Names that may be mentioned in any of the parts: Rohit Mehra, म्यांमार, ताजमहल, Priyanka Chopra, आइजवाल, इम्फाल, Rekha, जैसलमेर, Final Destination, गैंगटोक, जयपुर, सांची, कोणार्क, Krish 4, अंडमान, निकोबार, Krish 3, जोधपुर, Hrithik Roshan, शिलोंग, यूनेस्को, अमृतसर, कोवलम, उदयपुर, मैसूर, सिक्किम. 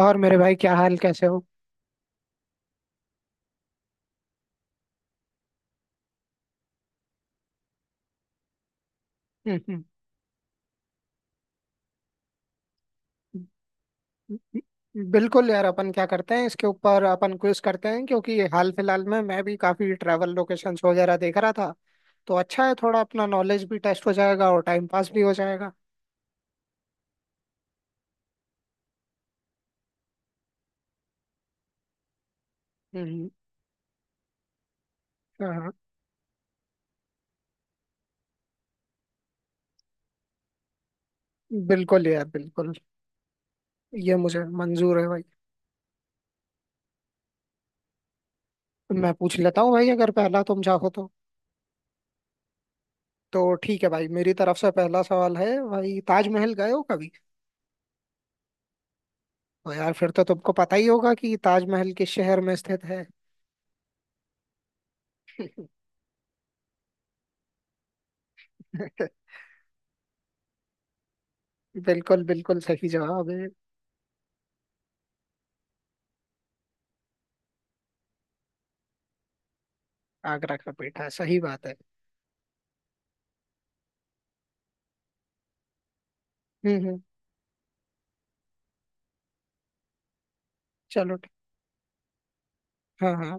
और मेरे भाई, क्या हाल कैसे हो? हम्म, बिल्कुल यार अपन क्या करते हैं इसके ऊपर अपन क्विज करते हैं, क्योंकि हाल फिलहाल में मैं भी काफी ट्रैवल लोकेशंस वगैरह देख रहा था। तो अच्छा है, थोड़ा अपना नॉलेज भी टेस्ट हो जाएगा और टाइम पास भी हो जाएगा। हम्म। हाँ हाँ, बिल्कुल यार बिल्कुल। ये मुझे मंजूर है भाई। मैं पूछ लेता हूँ भाई, अगर पहला तुम चाहो तो। तो ठीक है भाई, मेरी तरफ से पहला सवाल है भाई, ताजमहल गए हो कभी? तो यार फिर तो तुमको पता ही होगा कि ताजमहल किस शहर में स्थित है। बिल्कुल बिल्कुल सही जवाब है। आगरा का पेठा सही बात है। हम्म। चलो ठी- हाँ हाँ।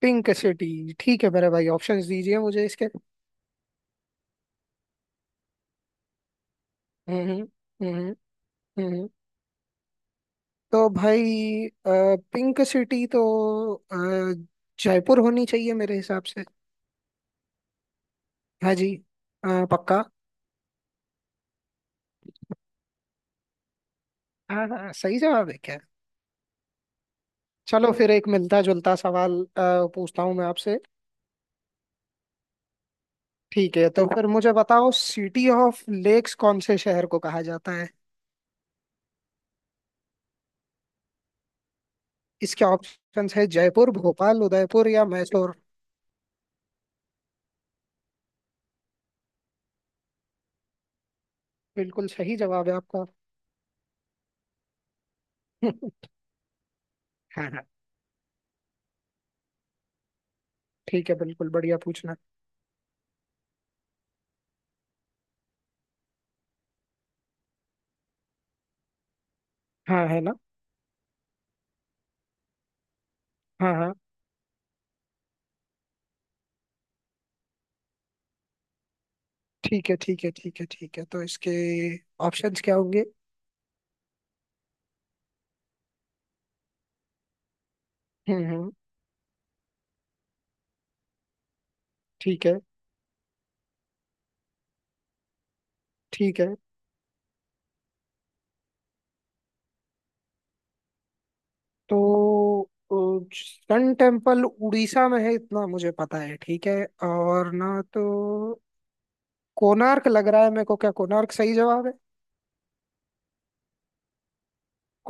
Pink city. ठीक है मेरे भाई, ऑप्शंस दीजिए मुझे इसके। हम्म हम्म हम्म हम्म। हम्म, हम्म, तो भाई, पिंक सिटी तो अ, जयपुर होनी चाहिए मेरे हिसाब से। हाँ जी। पक्का। हाँ हाँ, सही जवाब है क्या? चलो फिर एक मिलता जुलता सवाल पूछता हूँ मैं आपसे। ठीक है, तो फिर मुझे बताओ सिटी ऑफ लेक्स कौन से शहर को कहा जाता है? इसके ऑप्शंस है जयपुर, भोपाल, उदयपुर या मैसूर। बिल्कुल सही जवाब है आपका। हाँ हाँ, ठीक है, बिल्कुल बढ़िया पूछना। हाँ है ना। हाँ हाँ। ठीक है ठीक है ठीक है ठीक है, तो इसके ऑप्शंस क्या होंगे? हम्म। ठीक है ठीक है। तो सन टेम्पल उड़ीसा में है इतना मुझे पता है, ठीक है। और ना तो कोणार्क लग रहा है मेरे को, क्या कोणार्क सही जवाब है?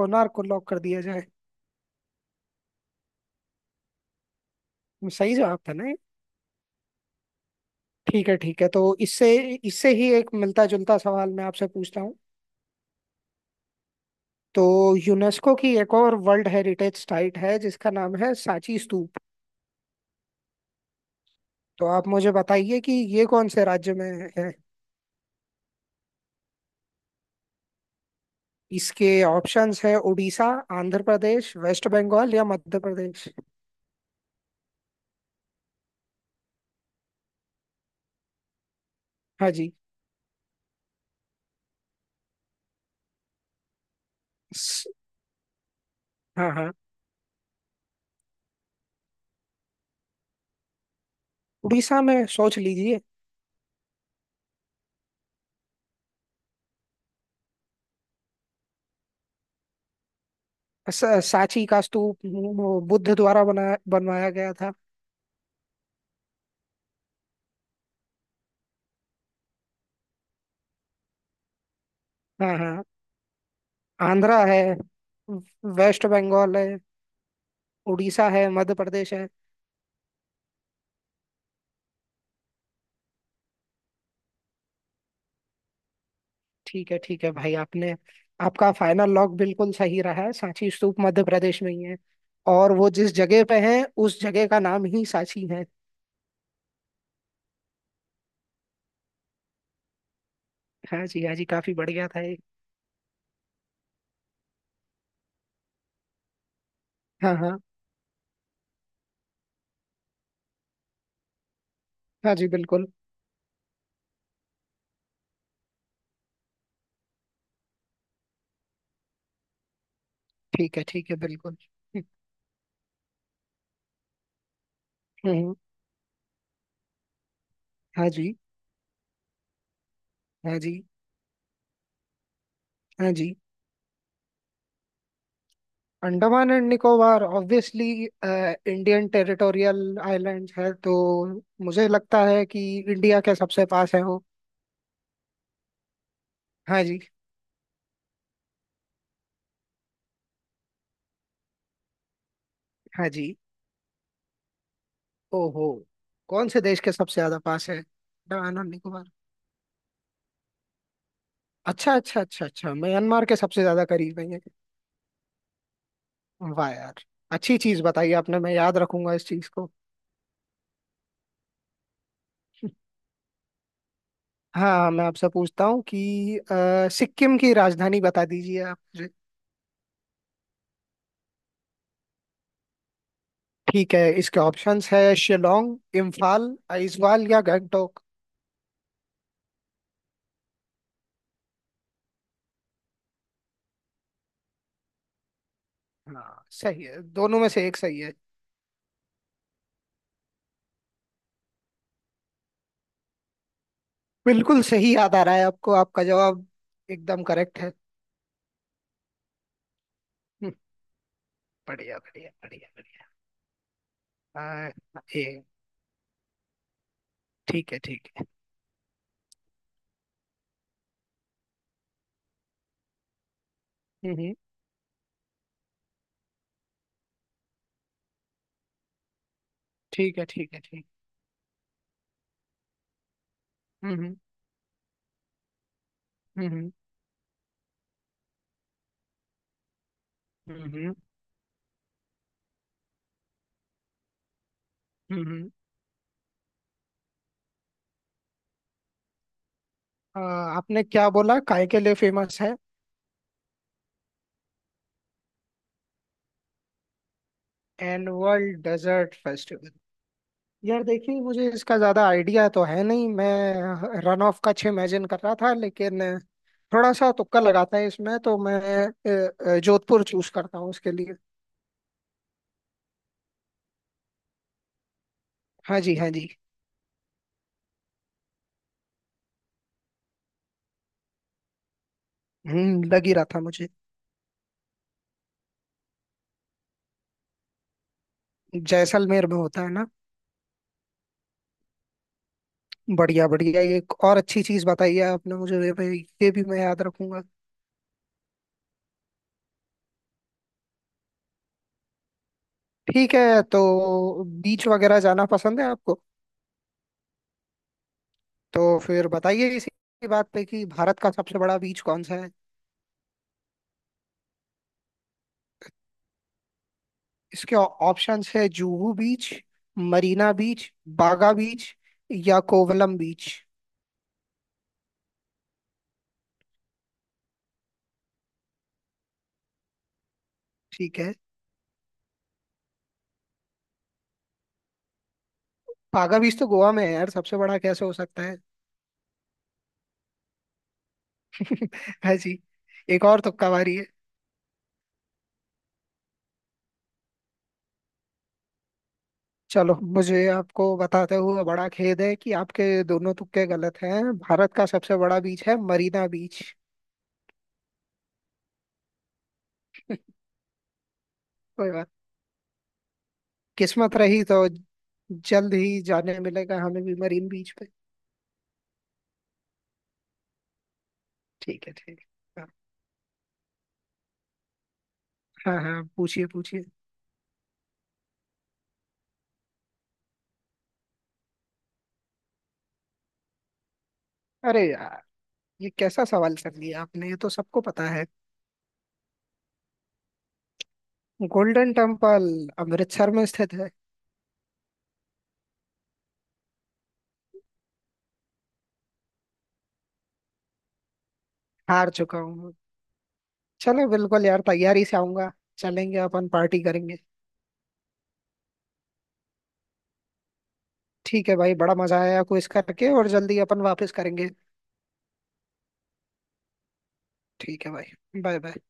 कोणार्क को लॉक कर दिया जाए। सही जवाब था ना? ठीक है ठीक है, तो इससे इससे ही एक मिलता जुलता सवाल मैं आपसे पूछता हूँ। तो यूनेस्को की एक और वर्ल्ड हेरिटेज साइट है जिसका नाम है सांची स्तूप। तो आप मुझे बताइए कि ये कौन से राज्य में है। इसके ऑप्शंस है उड़ीसा, आंध्र प्रदेश, वेस्ट बंगाल या मध्य प्रदेश। हाँ जी। स- हाँ हाँ। उड़ीसा में सोच लीजिए। स- सांची का स्तूप वो बुद्ध द्वारा बना बनवाया गया था। हाँ हाँ। आंध्रा है। वेस्ट बंगाल है। उड़ीसा है, मध्य प्रदेश है। ठीक है ठीक है भाई, आपने आपका फाइनल लॉक बिल्कुल सही रहा है, सांची स्तूप मध्य प्रदेश में ही है। और वो जिस जगह पे है उस जगह का नाम ही सांची है। हाँ जी हाँ जी, काफी बढ़िया था ये। हाँ हाँ। हाँ जी बिल्कुल। ठीक है बिल्कुल। हम्म हम्म, हाँ जी हाँ जी हाँ जी। अंडमान and निकोबार obviously Indian territorial island है, तो मुझे लगता है कि इंडिया के सबसे पास है वो। हाँ जी। हाँ जी। ओहो। कौन से देश के सबसे ज्यादा पास है अंडमान और निकोबार? अच्छा अच्छा अच्छा अच्छा, म्यांमार के सबसे ज्यादा करीब है ये। वाह यार। अच्छी चीज बताई आपने, मैं याद रखूंगा इस चीज को। हाँ हाँ, मैं आपसे पूछता हूँ कि सिक्किम की राजधानी बता दीजिए आप मुझे। ठीक है, इसके ऑप्शंस है शिलोंग, इम्फाल, आइजवाल या गैंगटोक। हाँ सही है, दोनों में से एक सही है। बिल्कुल सही याद आ रहा है आपको, आपका जवाब एकदम करेक्ट है। हम्म, बढ़िया बढ़िया बढ़िया बढ़िया। हाँ, ये ठीक है ठीक है। हम्म हम्म, ठीक है ठीक है ठीक। हम्म हम्म हम्म हम्म हम्म हम्म। आ, आपने क्या बोला काय के लिए फेमस है? Annual desert festival. यार देखिए, मुझे इसका ज्यादा आइडिया तो है नहीं, मैं रन ऑफ का छह इमेजिन कर रहा था लेकिन थोड़ा सा तुक्का लगाता है, इसमें तो मैं जोधपुर चूज करता हूँ इसके लिए। हाँ जी हाँ जी। हम्म, लग ही रहा था मुझे। जैसलमेर में होता है ना? बढ़िया बढ़िया, ये एक और अच्छी चीज बताई है आपने मुझे ये भी। ये भी मैं याद रखूंगा। ठीक है, तो बीच वगैरह जाना पसंद है आपको? तो फिर बताइए इसी बात पे कि भारत का सबसे बड़ा बीच कौन सा है? इसके ऑप्शंस है Juhu beach, Marina beach, Baga beach या कोवलम बीच। ठीक है। बागा बीच तो गोवा में है यार, सबसे बड़ा कैसे हो सकता है? है जी। एक और तुक्का मारी है। चलो, मुझे आपको बताते हुए बड़ा खेद है कि आपके दोनों तुक्के गलत हैं, भारत का सबसे बड़ा बीच है मरीना बीच। किस्मत रही तो जल्द ही जाने मिलेगा हमें भी मरीन बीच पे। ठीक है ठीक है। हाँ हाँ, पूछिए पूछिए। अरे यार, ये कैसा सवाल कर लिया आपने, ये तो सबको पता है। गोल्डन टेम्पल अमृतसर में स्थित है। हार चुका हूँ। चलो बिल्कुल यार, तैयारी से आऊंगा। चलेंगे अपन पार्टी करेंगे। ठीक है भाई, बड़ा मजा आया क्विज करके और जल्दी अपन वापस करेंगे। ठीक है भाई, बाय बाय।